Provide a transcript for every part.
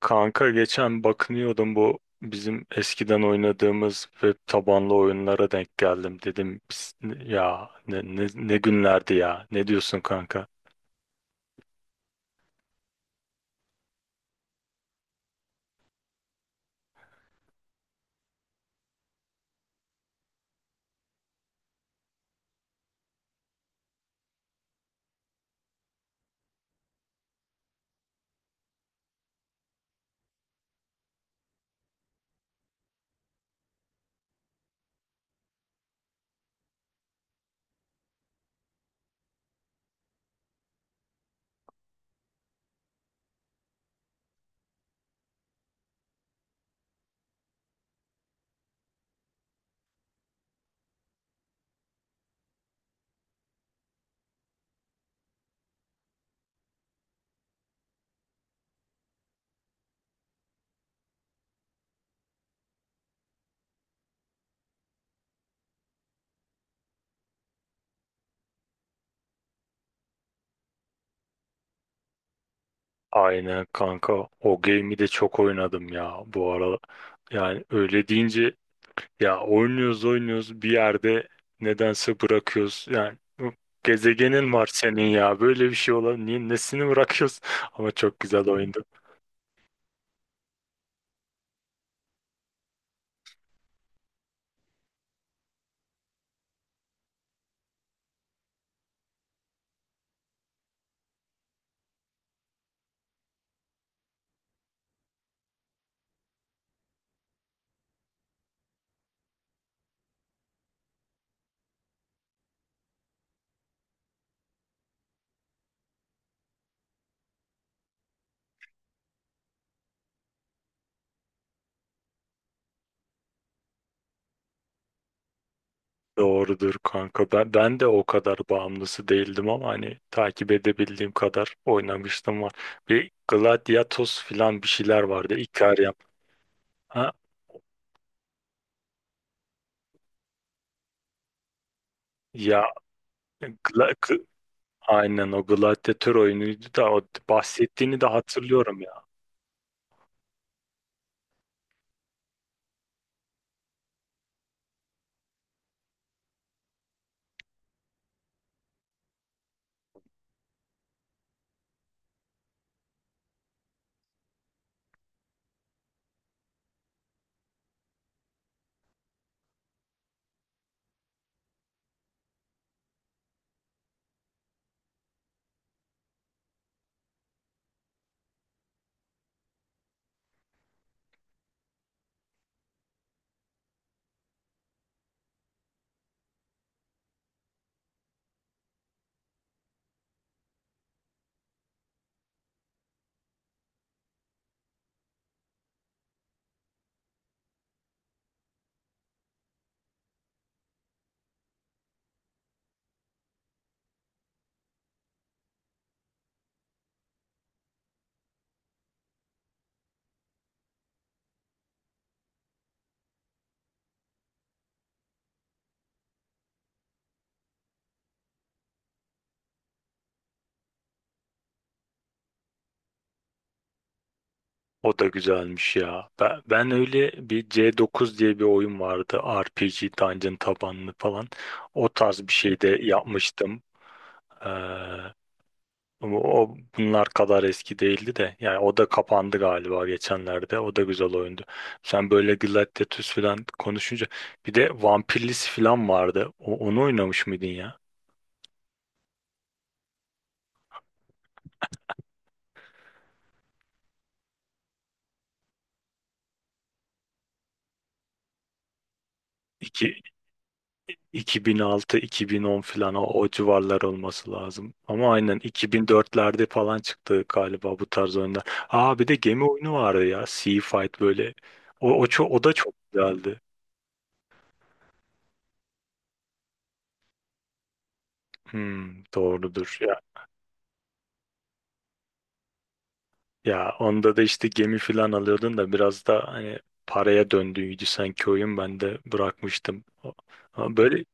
Kanka, geçen bakınıyordum, bu bizim eskiden oynadığımız web tabanlı oyunlara denk geldim, dedim ya ne günlerdi ya, ne diyorsun kanka?" Aynen kanka, o game'i de çok oynadım ya bu ara. Yani öyle deyince, ya oynuyoruz oynuyoruz bir yerde nedense bırakıyoruz yani. Bu gezegenin var senin ya, böyle bir şey olan, niye nesini bırakıyoruz ama çok güzel oyundu. Doğrudur kanka. Ben de o kadar bağımlısı değildim ama hani takip edebildiğim kadar oynamıştım var. Bir Gladiatos filan bir şeyler vardı. Ikariam. Ha, ya gla, gl- aynen o gladyatör oyunuydu da o bahsettiğini de hatırlıyorum ya. O da güzelmiş ya. Ben öyle bir C9 diye bir oyun vardı. RPG Dungeon tabanlı falan. O tarz bir şey de yapmıştım. Ee, ama o bunlar kadar eski değildi de. Yani o da kapandı galiba geçenlerde. O da güzel oyundu. Sen böyle Gladiatus falan konuşunca bir de Vampirlisi falan vardı. Onu oynamış mıydın ya? İki 2006-2010 falan, o civarlar olması lazım. Ama aynen 2004'lerde falan çıktı galiba bu tarz oyunlar. Aa, bir de gemi oyunu vardı ya. Sea Fight böyle. O da çok güzeldi. Hmm, doğrudur. Ya onda da işte gemi falan alıyordun da biraz da hani paraya döndüğüydü sanki oyun. Ben de bırakmıştım. Ama böyle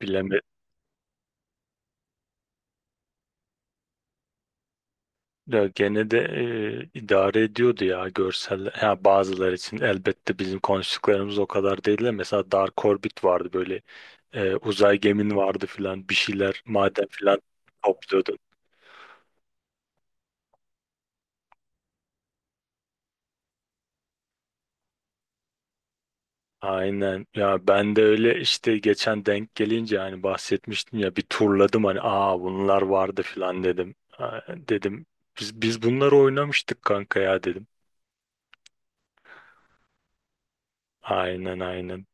bilemedim. Ya gene de idare ediyordu ya görseller. Ha, bazıları için elbette bizim konuştuklarımız o kadar değil de, mesela Dark Orbit vardı böyle, uzay gemin vardı filan, bir şeyler maden filan topluyordun. Aynen ya, ben de öyle işte. Geçen denk gelince hani bahsetmiştim ya, bir turladım, hani aa bunlar vardı filan dedim. Ha, dedim biz bunları oynamıştık kanka ya dedim. Aynen aynen.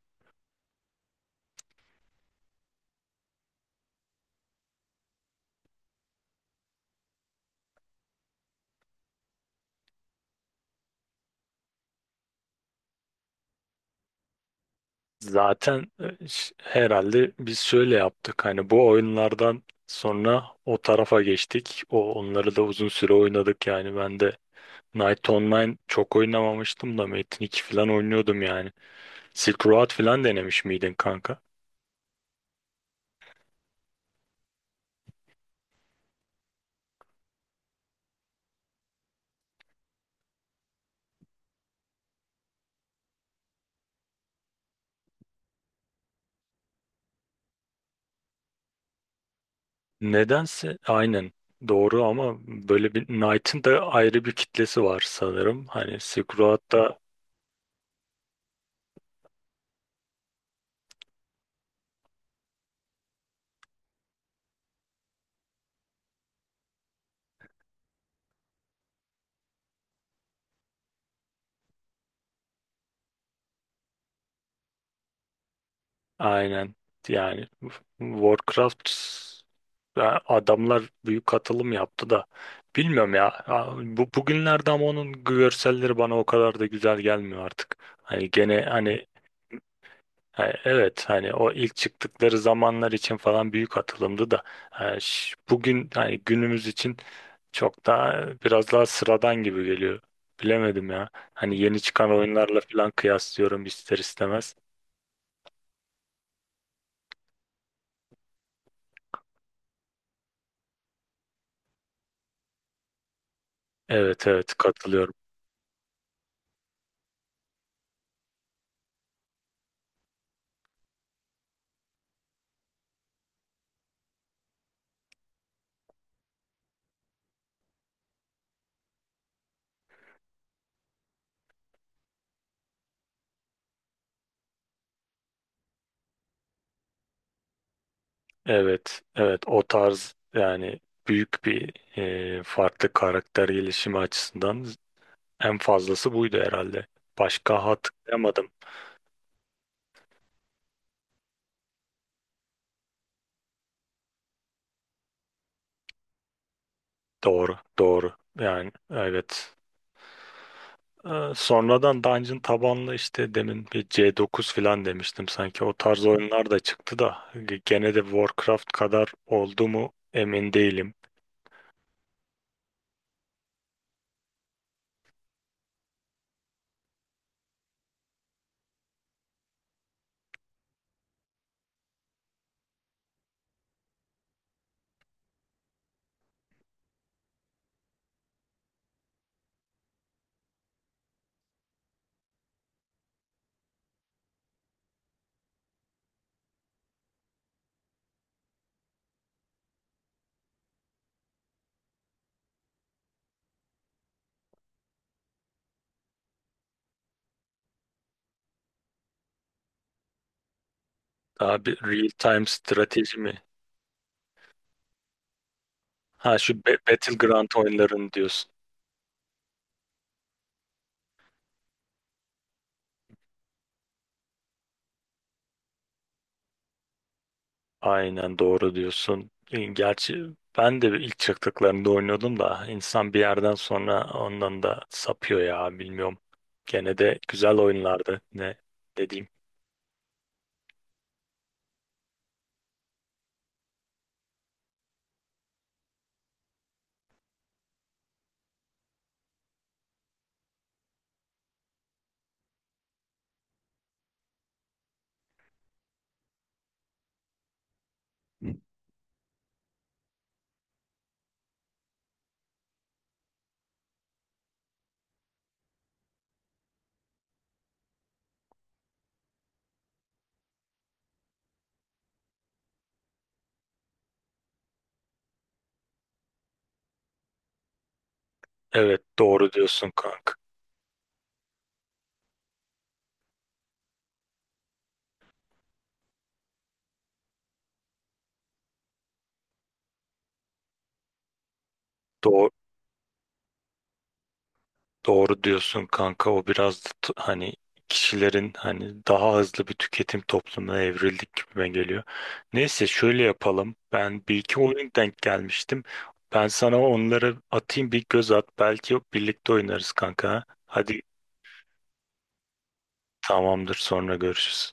Zaten herhalde biz şöyle yaptık. Hani bu oyunlardan sonra o tarafa geçtik. O onları da uzun süre oynadık yani. Ben de Night Online çok oynamamıştım da Metin 2 falan oynuyordum yani. Silk Road falan denemiş miydin kanka? Nedense aynen doğru, ama böyle bir Knight'ın da ayrı bir kitlesi var sanırım. Hani Silk Road da aynen yani Warcraft. Ya adamlar büyük katılım yaptı da bilmiyorum ya. Ya bu bugünlerde ama onun görselleri bana o kadar da güzel gelmiyor artık. Hani gene hani, hani evet, hani o ilk çıktıkları zamanlar için falan büyük atılımdı da bugün, hani günümüz için, çok daha biraz daha sıradan gibi geliyor. Bilemedim ya. Hani yeni çıkan oyunlarla falan kıyaslıyorum ister istemez. Evet evet, katılıyorum. Evet, evet, o tarz yani, büyük bir farklı karakter gelişimi açısından en fazlası buydu herhalde. Başka hatırlayamadım. Doğru, doğru. Yani evet. Sonradan Dungeon tabanlı, işte demin bir C9 falan demiştim sanki. O tarz oyunlar da çıktı da gene de Warcraft kadar oldu mu emin değilim. Daha bir real time strateji mi? Ha şu Battleground oyunlarını diyorsun. Aynen doğru diyorsun. Gerçi ben de ilk çıktıklarında oynuyordum da insan bir yerden sonra ondan da sapıyor ya, bilmiyorum. Gene de güzel oyunlardı ne dediğim. Evet doğru diyorsun kanka. Doğ- Doğru diyorsun kanka, o biraz da hani kişilerin, hani daha hızlı bir tüketim toplumuna evrildik gibime geliyor. Neyse, şöyle yapalım. Ben bir iki oyun denk gelmiştim. Ben sana onları atayım, bir göz at. Belki birlikte oynarız kanka. Hadi tamamdır, sonra görüşürüz.